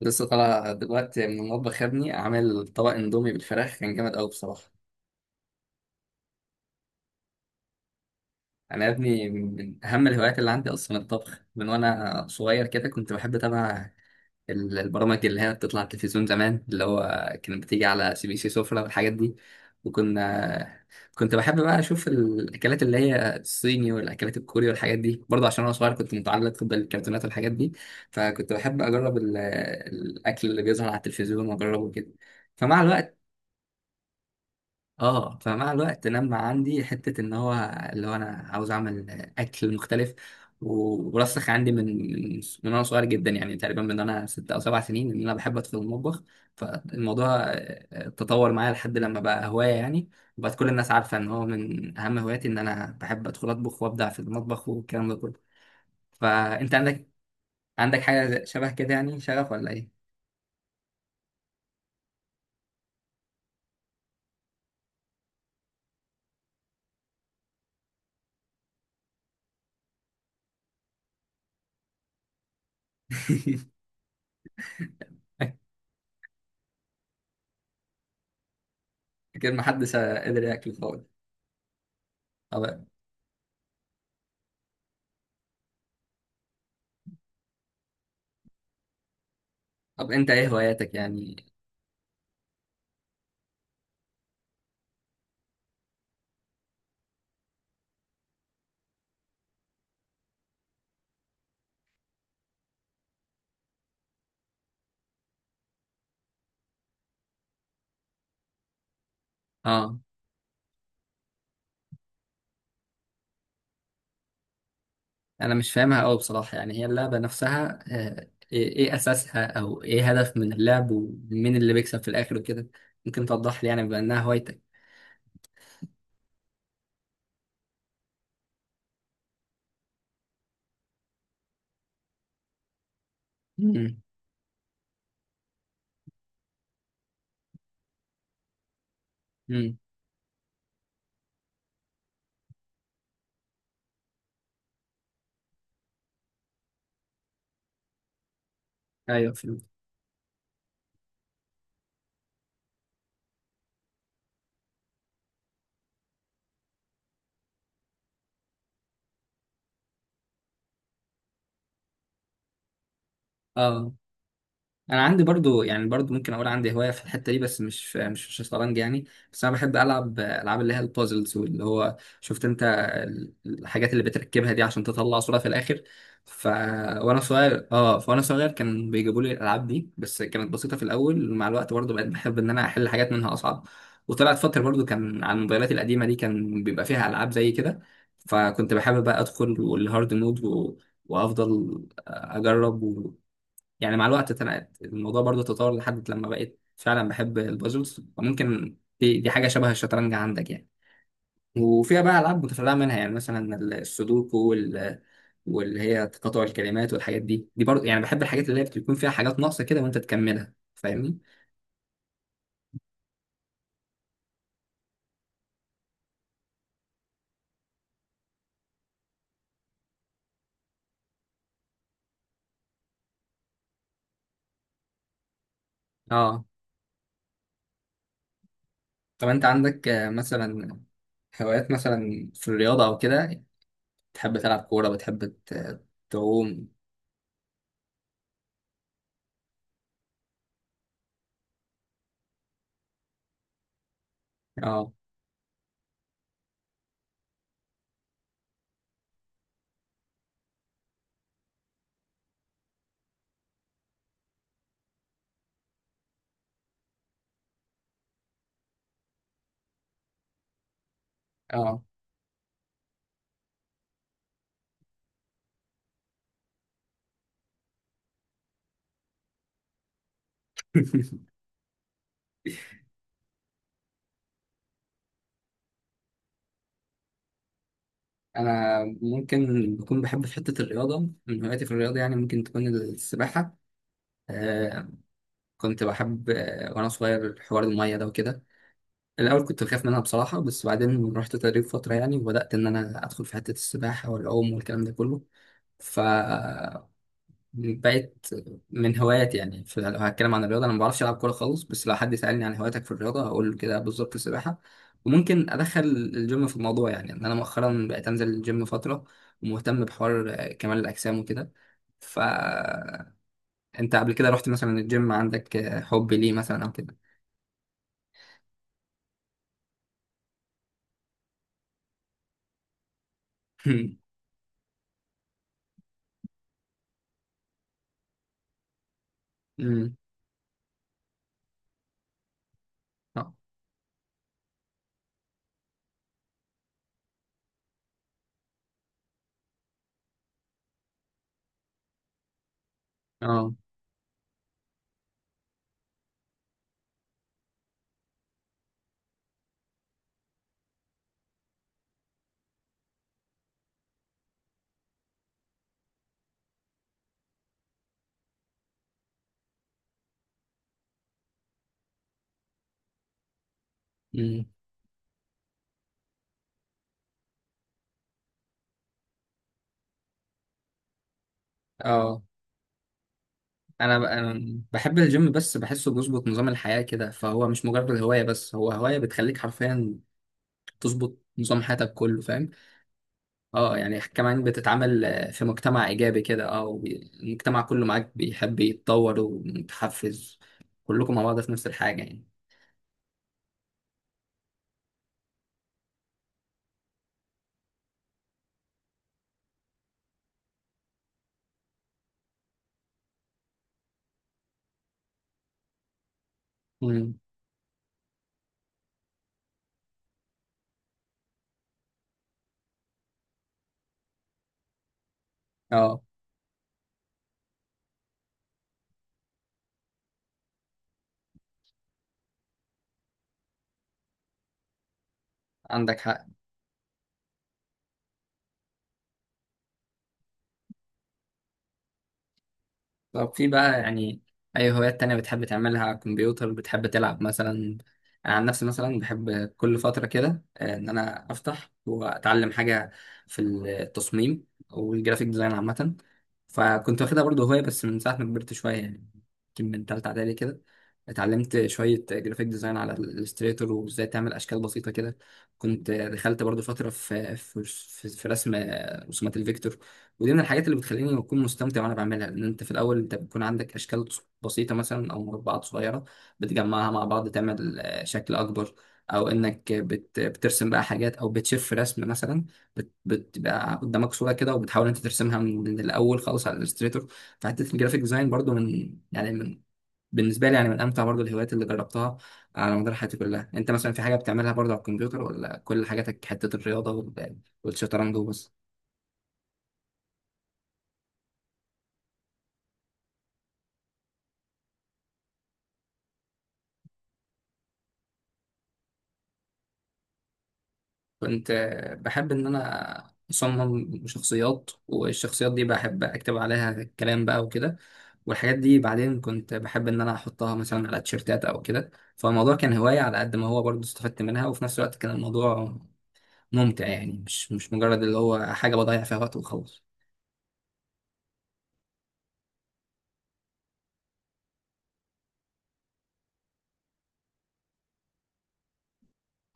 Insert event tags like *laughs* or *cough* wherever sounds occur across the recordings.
لسه طالع دلوقتي من المطبخ يا ابني، عامل طبق اندومي بالفراخ، كان جامد قوي بصراحه. انا يا ابني من اهم الهوايات اللي عندي اصلا الطبخ. من وانا صغير كده كنت بحب اتابع البرامج اللي هي بتطلع على التلفزيون زمان، اللي هو كانت بتيجي على سي بي سي سفرة والحاجات دي. وكنا كنت بحب بقى اشوف الاكلات اللي هي الصيني والاكلات الكوري والحاجات دي، برضه عشان انا صغير كنت متعلق بالكرتونات والحاجات دي. فكنت بحب اجرب الاكل اللي بيظهر على التلفزيون واجربه كده. فمع الوقت اه فمع الوقت لما عندي حتة ان هو، اللي هو انا عاوز اعمل اكل مختلف، ورسخ عندي من وانا صغير جدا، يعني تقريبا من انا 6 او 7 سنين ان انا بحب ادخل المطبخ. فالموضوع تطور معايا لحد لما بقى هواية يعني. وبقت كل الناس عارفة ان هو من اهم هواياتي ان انا بحب ادخل اطبخ وابدع في المطبخ والكلام ده كله. فانت عندك حاجة شبه كده يعني، شغف ولا ايه؟ *laughs* اكيد محدش قدر ياكل خالص. طب طب انت ايه هواياتك يعني؟ اه، انا مش فاهمها قوي بصراحه يعني، هي اللعبه نفسها آه، ايه اساسها او ايه هدف من اللعب ومين اللي بيكسب في الاخر وكده. ممكن توضح لي يعني بما انها هوايتك؟ امم. امم. ايوه، فهمت. اه. انا عندي برضو، يعني برضو ممكن اقول عندي هوايه في الحته دي، بس مش في الشطرنج يعني. بس انا بحب العب العاب اللي هي البازلز، واللي هو شفت انت الحاجات اللي بتركبها دي عشان تطلع صوره في الاخر. ف وانا صغير اه فانا صغير كان بيجيبوا لي الالعاب دي، بس كانت بسيطه في الاول. مع الوقت برضو بقيت بحب ان انا احل حاجات منها اصعب. وطلعت فتره برضو كان على الموبايلات القديمه دي كان بيبقى فيها العاب زي كده. فكنت بحب بقى ادخل والهارد مود، وافضل اجرب. يعني مع الوقت اتنقلت الموضوع، برضو تطور لحد لما بقيت فعلا بحب البازلز، وممكن دي حاجة شبه الشطرنج عندك يعني. وفيها بقى ألعاب متفرعة منها، يعني مثلا السودوكو واللي هي تقاطع الكلمات والحاجات دي برضو، يعني بحب الحاجات اللي هي بتكون فيها حاجات ناقصة كده وانت تكملها، فاهمني؟ اه. طب انت عندك مثلا هوايات مثلا في الرياضة او كده؟ تحب تلعب كورة؟ بتحب تعوم؟ اه، اه. *laughs* انا ممكن بكون بحب في حته الرياضه. من هواياتي في الرياضه يعني ممكن تكون السباحه. آه كنت بحب وانا صغير حوار الميه ده وكده. الاول كنت بخاف منها بصراحه، بس بعدين رحت تدريب فتره يعني وبدات ان انا ادخل في حته السباحه والعوم والكلام ده كله، ف بقت من هواياتي يعني. في، لو هتكلم عن الرياضه انا ما بعرفش العب كوره خالص، بس لو حد سالني عن هواياتك في الرياضه هقول له كده بالظبط، السباحه. وممكن ادخل الجيم في الموضوع، يعني ان انا مؤخرا بقيت انزل الجيم فتره، ومهتم بحوار كمال الاجسام وكده. فانت قبل كده رحت مثلا الجيم، عندك حب ليه مثلا او كده؟ *laughs* أمم. اه، اه. أمم. اه. أنا بحب الجيم، بس بحسه بيظبط نظام الحياه كده، فهو مش مجرد هوايه، بس هو هوايه بتخليك حرفيا تظبط نظام حياتك كله، فاهم؟ اه، يعني كمان بتتعامل في مجتمع ايجابي كده، المجتمع كله معاك بيحب يتطور ومتحفز. كلكم مع بعض في نفس الحاجه يعني. امم. اه. عندك حق. طب في بقى يعني، أي هوايات تانية بتحب تعملها على الكمبيوتر؟ بتحب تلعب مثلا؟ أنا عن نفسي مثلا بحب كل فترة كده إن أنا أفتح وأتعلم حاجة في التصميم والجرافيك ديزاين عامة. فكنت واخدها برضه هواية، بس من ساعة ما كبرت شوية يعني، يمكن من تالتة إعدادي كده اتعلمت شوية جرافيك ديزاين على الإليستريتور، وإزاي تعمل أشكال بسيطة كده. كنت دخلت برضه فترة في رسم رسومات الفيكتور. ودي من الحاجات اللي بتخليني اكون مستمتع وانا بعملها، لان انت في الاول انت بيكون عندك اشكال بسيطه، مثلا او مربعات صغيره، بتجمعها مع بعض تعمل شكل اكبر. او انك بترسم بقى حاجات، او بتشف في رسم مثلا، بتبقى قدامك صوره كده وبتحاول انت ترسمها من الاول خالص على الالستريتور. فحته الجرافيك ديزاين برضو من يعني من بالنسبه لي يعني من امتع برضو الهوايات اللي جربتها على مدار حياتي كلها. انت مثلا في حاجه بتعملها برضو على الكمبيوتر، ولا كل حاجاتك حته الرياضه والشطرنج وبس؟ كنت بحب إن أنا أصمم شخصيات، والشخصيات دي بحب أكتب عليها الكلام بقى وكده، والحاجات دي بعدين كنت بحب إن أنا أحطها مثلا على تيشيرتات أو كده. فالموضوع كان هواية، على قد ما هو برضه استفدت منها وفي نفس الوقت كان الموضوع ممتع يعني، مش مجرد اللي هو حاجة بضيع فيها وقت وخلاص.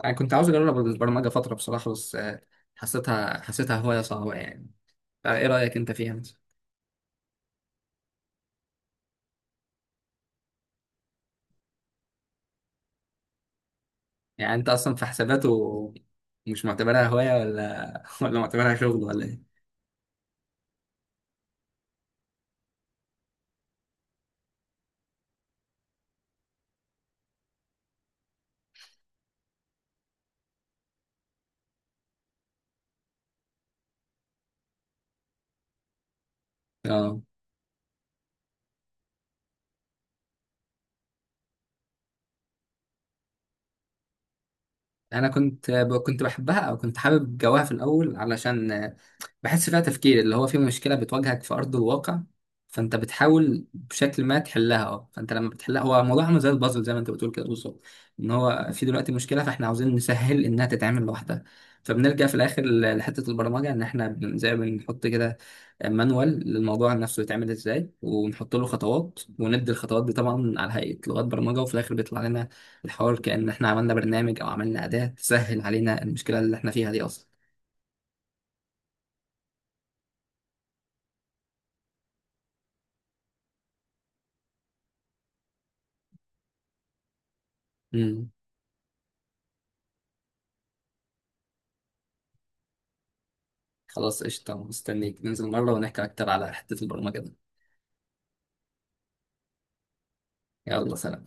أنا كنت عاوز أجرب البرمجة فترة بصراحة، بس حسيتها هواية صعبة يعني. فإيه رأيك أنت فيها مثلا؟ يعني أنت أصلا في حسابات مش معتبرها هواية، ولا *laughs* ولا معتبرها شغل ولا إيه؟ اه. انا كنت بحبها، او كنت حابب جواها في الاول، علشان بحس فيها تفكير اللي هو في مشكلة بتواجهك في أرض الواقع. فأنت بتحاول بشكل ما تحلها، فأنت لما بتحلها هو الموضوع عامل زي البازل، زي ما أنت بتقول كده بالظبط. إن هو في دلوقتي مشكلة، فإحنا عاوزين نسهل إنها تتعمل لوحدها. فبنرجع في الآخر لحتة البرمجة، إن إحنا زي ما بنحط كده مانوال للموضوع نفسه يتعمل إزاي، ونحط له خطوات، وندي الخطوات دي طبعا على هيئة لغات برمجة، وفي الآخر بيطلع لنا الحوار كأن إحنا عملنا برنامج أو عملنا أداة تسهل علينا المشكلة اللي إحنا فيها دي. أصلا. خلاص قشطة، مستنيك ننزل مرة ونحكي أكتر على حتة البرمجة ده. يلا، سلام.